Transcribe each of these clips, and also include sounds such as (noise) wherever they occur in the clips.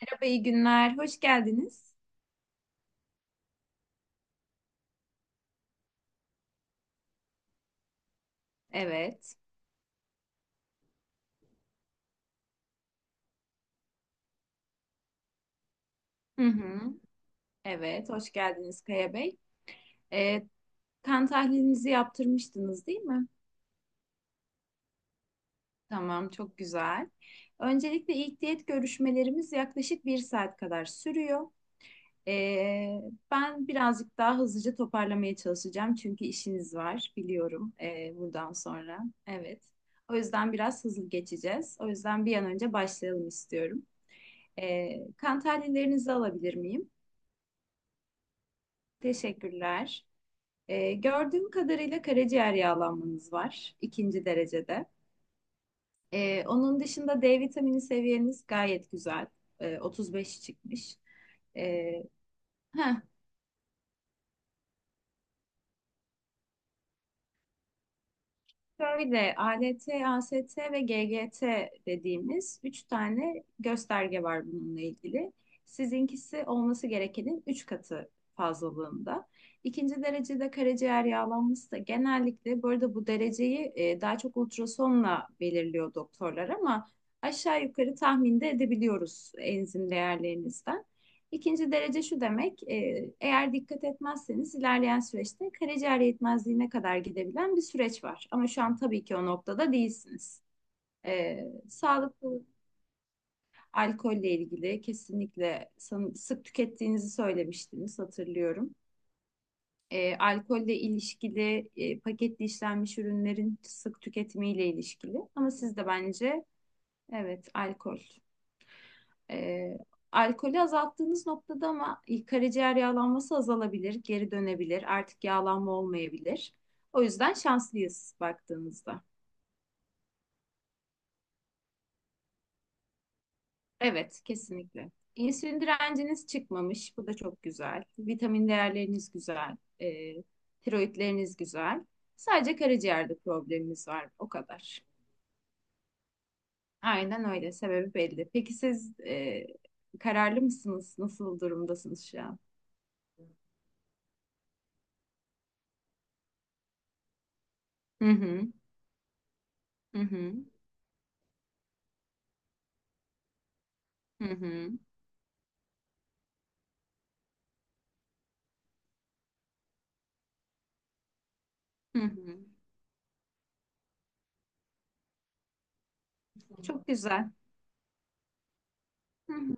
Merhaba, iyi günler. Hoş geldiniz. Evet. Hı hı. Evet, hoş geldiniz Kaya Bey. Ee, kan tahlilinizi yaptırmıştınız değil mi? Tamam, çok güzel. Öncelikle ilk diyet görüşmelerimiz yaklaşık bir saat kadar sürüyor. Ee, ben birazcık daha hızlıca toparlamaya çalışacağım çünkü işiniz var biliyorum buradan sonra. Evet. O yüzden biraz hızlı geçeceğiz. O yüzden bir an önce başlayalım istiyorum. Kan tahlillerinizi alabilir miyim? Teşekkürler. Gördüğüm kadarıyla karaciğer yağlanmanız var ikinci derecede. Onun dışında D vitamini seviyeniz gayet güzel. 35 çıkmış. Ee, heh, Şöyle ALT, AST ve GGT dediğimiz üç tane gösterge var bununla ilgili. Sizinkisi olması gerekenin üç katı fazlalığında. İkinci derecede karaciğer yağlanması da genellikle bu arada bu dereceyi daha çok ultrasonla belirliyor doktorlar ama aşağı yukarı tahminde edebiliyoruz enzim değerlerinizden. İkinci derece şu demek, eğer dikkat etmezseniz ilerleyen süreçte karaciğer yetmezliğine kadar gidebilen bir süreç var. Ama şu an tabii ki o noktada değilsiniz. E, sağlıklı alkolle ilgili kesinlikle sık tükettiğinizi söylemiştiniz hatırlıyorum. Alkolle ilişkili paketli işlenmiş ürünlerin sık tüketimiyle ilişkili. Ama siz de bence evet, alkol. E, alkolü azalttığınız noktada ama karaciğer yağlanması azalabilir, geri dönebilir, artık yağlanma olmayabilir. O yüzden şanslıyız baktığınızda. Evet, kesinlikle. İnsülin direnciniz çıkmamış. Bu da çok güzel. Vitamin değerleriniz güzel. Tiroidleriniz güzel. Sadece karaciğerde problemimiz var. O kadar. Aynen öyle. Sebebi belli. Peki siz kararlı mısınız? Nasıl durumdasınız şu an? Hı hı. Hı hı. Hı hı. Hı hı. Çok güzel. Hı hı.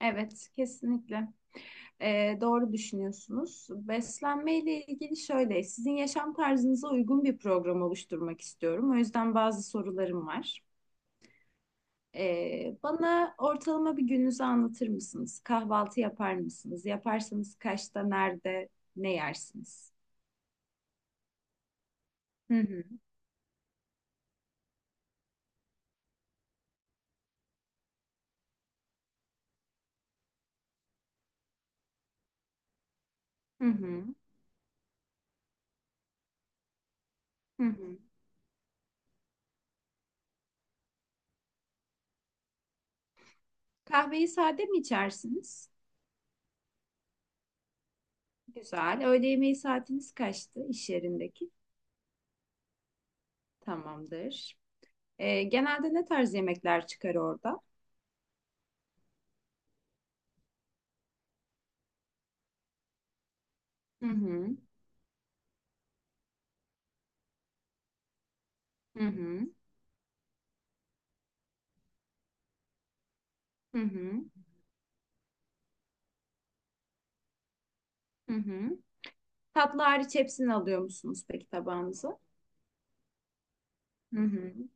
Evet, kesinlikle. Doğru düşünüyorsunuz. Beslenme ile ilgili şöyle, sizin yaşam tarzınıza uygun bir program oluşturmak istiyorum. O yüzden bazı sorularım var. Bana ortalama bir gününüzü anlatır mısınız? Kahvaltı yapar mısınız? Yaparsanız kaçta, nerede, ne yersiniz? Hı hı. Hı hı. Hı hı. Kahveyi sade mi içersiniz? Güzel. Öğle yemeği saatiniz kaçtı iş yerindeki? Tamamdır. Genelde ne tarz yemekler çıkar orada? Hı hı, hı hı, hı hı, hı hı. Tatlı hariç hepsini alıyor musunuz peki tabağınızı? Hı hı,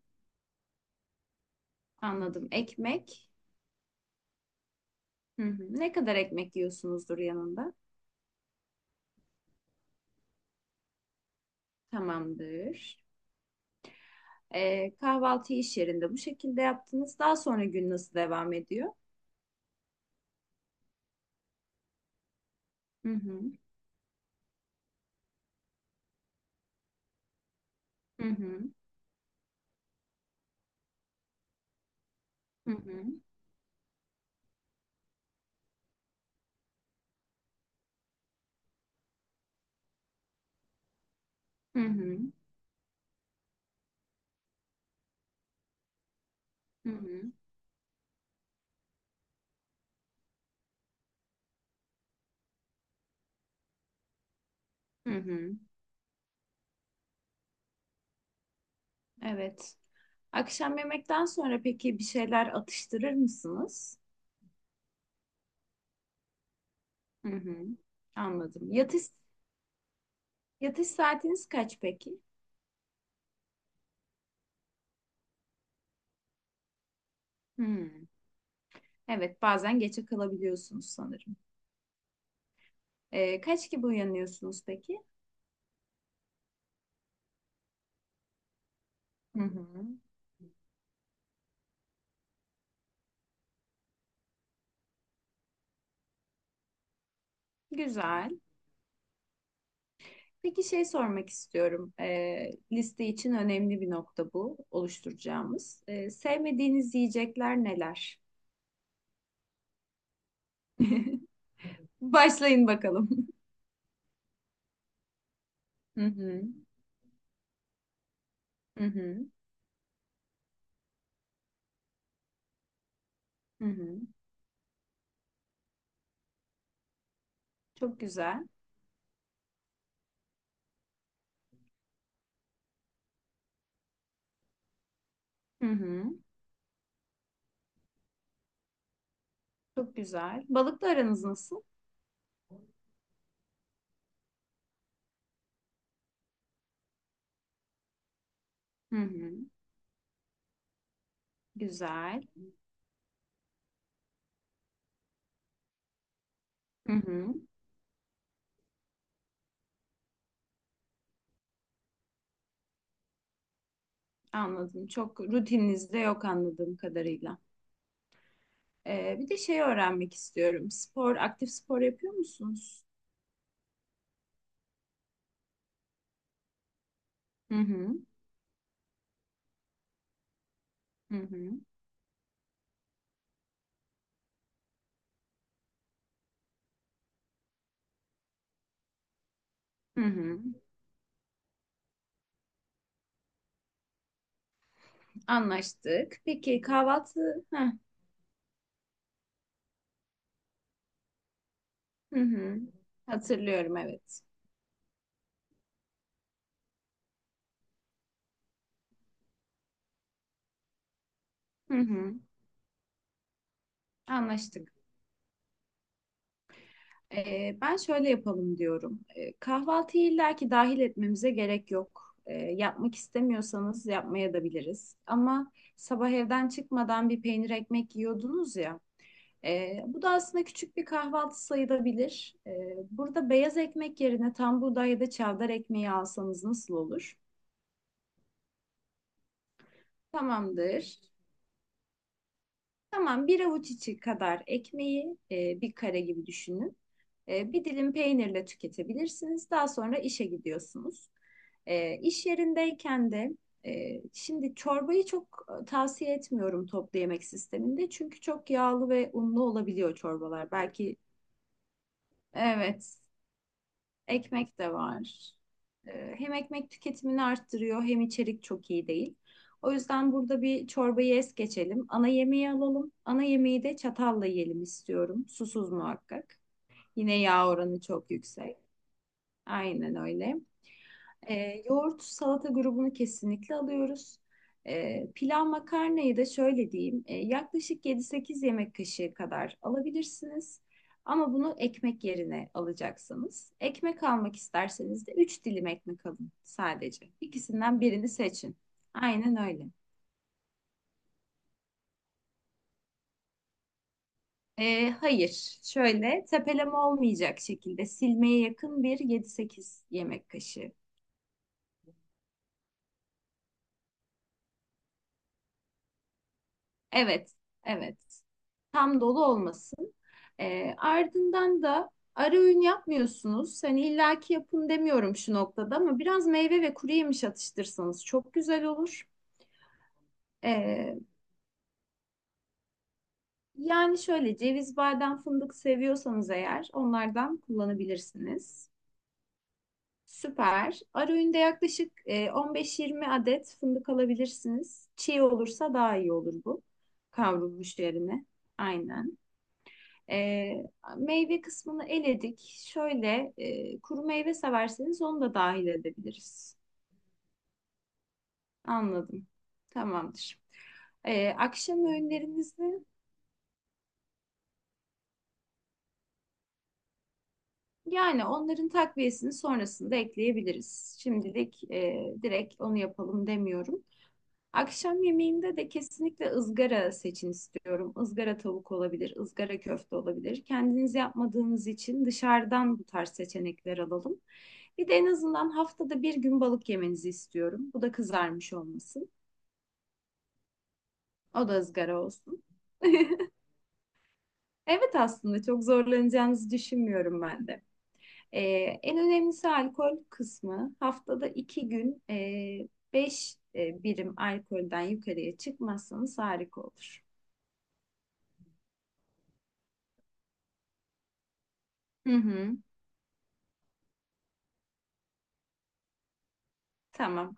anladım. Ekmek. Hı hı. Ne kadar ekmek yiyorsunuzdur yanında? Tamamdır. Kahvaltıyı iş yerinde bu şekilde yaptınız. Daha sonra gün nasıl devam ediyor? Hı hı, hı hı, hı hı, hı hı, hı hı, hı hı. Evet. Akşam yemekten sonra peki bir şeyler atıştırır mısınız? Hı hı. Anladım. Yatış saatiniz kaç peki? Hmm. Evet, bazen geçe kalabiliyorsunuz sanırım. Kaç gibi uyanıyorsunuz peki? Hı hı. Güzel. Peki şey sormak istiyorum. Liste için önemli bir nokta bu oluşturacağımız. Sevmediğiniz yiyecekler neler? (laughs) Başlayın bakalım. Hı hı. Hı hı. Hı hı. Çok güzel. Hı hı. Çok güzel. Balıkla aranız nasıl? Hı hı. Güzel. Hı hı. Anladım. Çok rutininizde yok anladığım kadarıyla. Bir de şey öğrenmek istiyorum. Spor, aktif spor yapıyor musunuz? Hı hı. Hı hı. Hı hı. Anlaştık. Peki kahvaltı? Hı hı. Hatırlıyorum evet. Hı hı. Anlaştık. Ben şöyle yapalım diyorum. Kahvaltıyı illaki dahil etmemize gerek yok. Yapmak istemiyorsanız yapmaya da biliriz. Ama sabah evden çıkmadan bir peynir ekmek yiyordunuz ya. Bu da aslında küçük bir kahvaltı sayılabilir. Burada beyaz ekmek yerine tam buğday ya da çavdar ekmeği alsanız nasıl olur? Tamamdır. Tamam, bir avuç içi kadar ekmeği bir kare gibi düşünün. Bir dilim peynirle tüketebilirsiniz. Daha sonra işe gidiyorsunuz. İş yerindeyken de şimdi çorbayı çok tavsiye etmiyorum toplu yemek sisteminde. Çünkü çok yağlı ve unlu olabiliyor çorbalar. Belki, evet, ekmek de var. Hem ekmek tüketimini arttırıyor hem içerik çok iyi değil. O yüzden burada bir çorbayı es geçelim. Ana yemeği alalım. Ana yemeği de çatalla yiyelim istiyorum. Susuz muhakkak. Yine yağ oranı çok yüksek. Aynen öyle. Yoğurt salata grubunu kesinlikle alıyoruz. Pilav makarnayı da şöyle diyeyim. Yaklaşık 7-8 yemek kaşığı kadar alabilirsiniz. Ama bunu ekmek yerine alacaksınız. Ekmek almak isterseniz de 3 dilim ekmek alın sadece. İkisinden birini seçin. Aynen öyle. Hayır, şöyle tepeleme olmayacak şekilde silmeye yakın bir 7-8 yemek kaşığı. Evet, evet. Tam dolu olmasın. Ardından da ara öğün yapmıyorsunuz. Hani illaki yapın demiyorum şu noktada ama biraz meyve ve kuru yemiş atıştırsanız çok güzel olur. E, yani şöyle ceviz, badem, fındık seviyorsanız eğer onlardan kullanabilirsiniz. Süper. Ara öğünde yaklaşık 15-20 adet fındık alabilirsiniz. Çiğ olursa daha iyi olur bu. Kavrulmuş yerine. Aynen. E, meyve kısmını eledik. Şöyle kuru meyve severseniz onu da dahil edebiliriz. Anladım. Tamamdır. Akşam öğünlerimizi yani onların takviyesini sonrasında ekleyebiliriz. Şimdilik direkt onu yapalım demiyorum. Akşam yemeğinde de kesinlikle ızgara seçin istiyorum. Izgara tavuk olabilir, ızgara köfte olabilir. Kendiniz yapmadığınız için dışarıdan bu tarz seçenekler alalım. Bir de en azından haftada bir gün balık yemenizi istiyorum. Bu da kızarmış olmasın. O da ızgara olsun. Evet, aslında çok zorlanacağınızı düşünmüyorum ben de. Ee, en önemlisi alkol kısmı. Haftada 2 gün 5 birim alkolden yukarıya çıkmazsanız harika olur. Hı hı, tamam.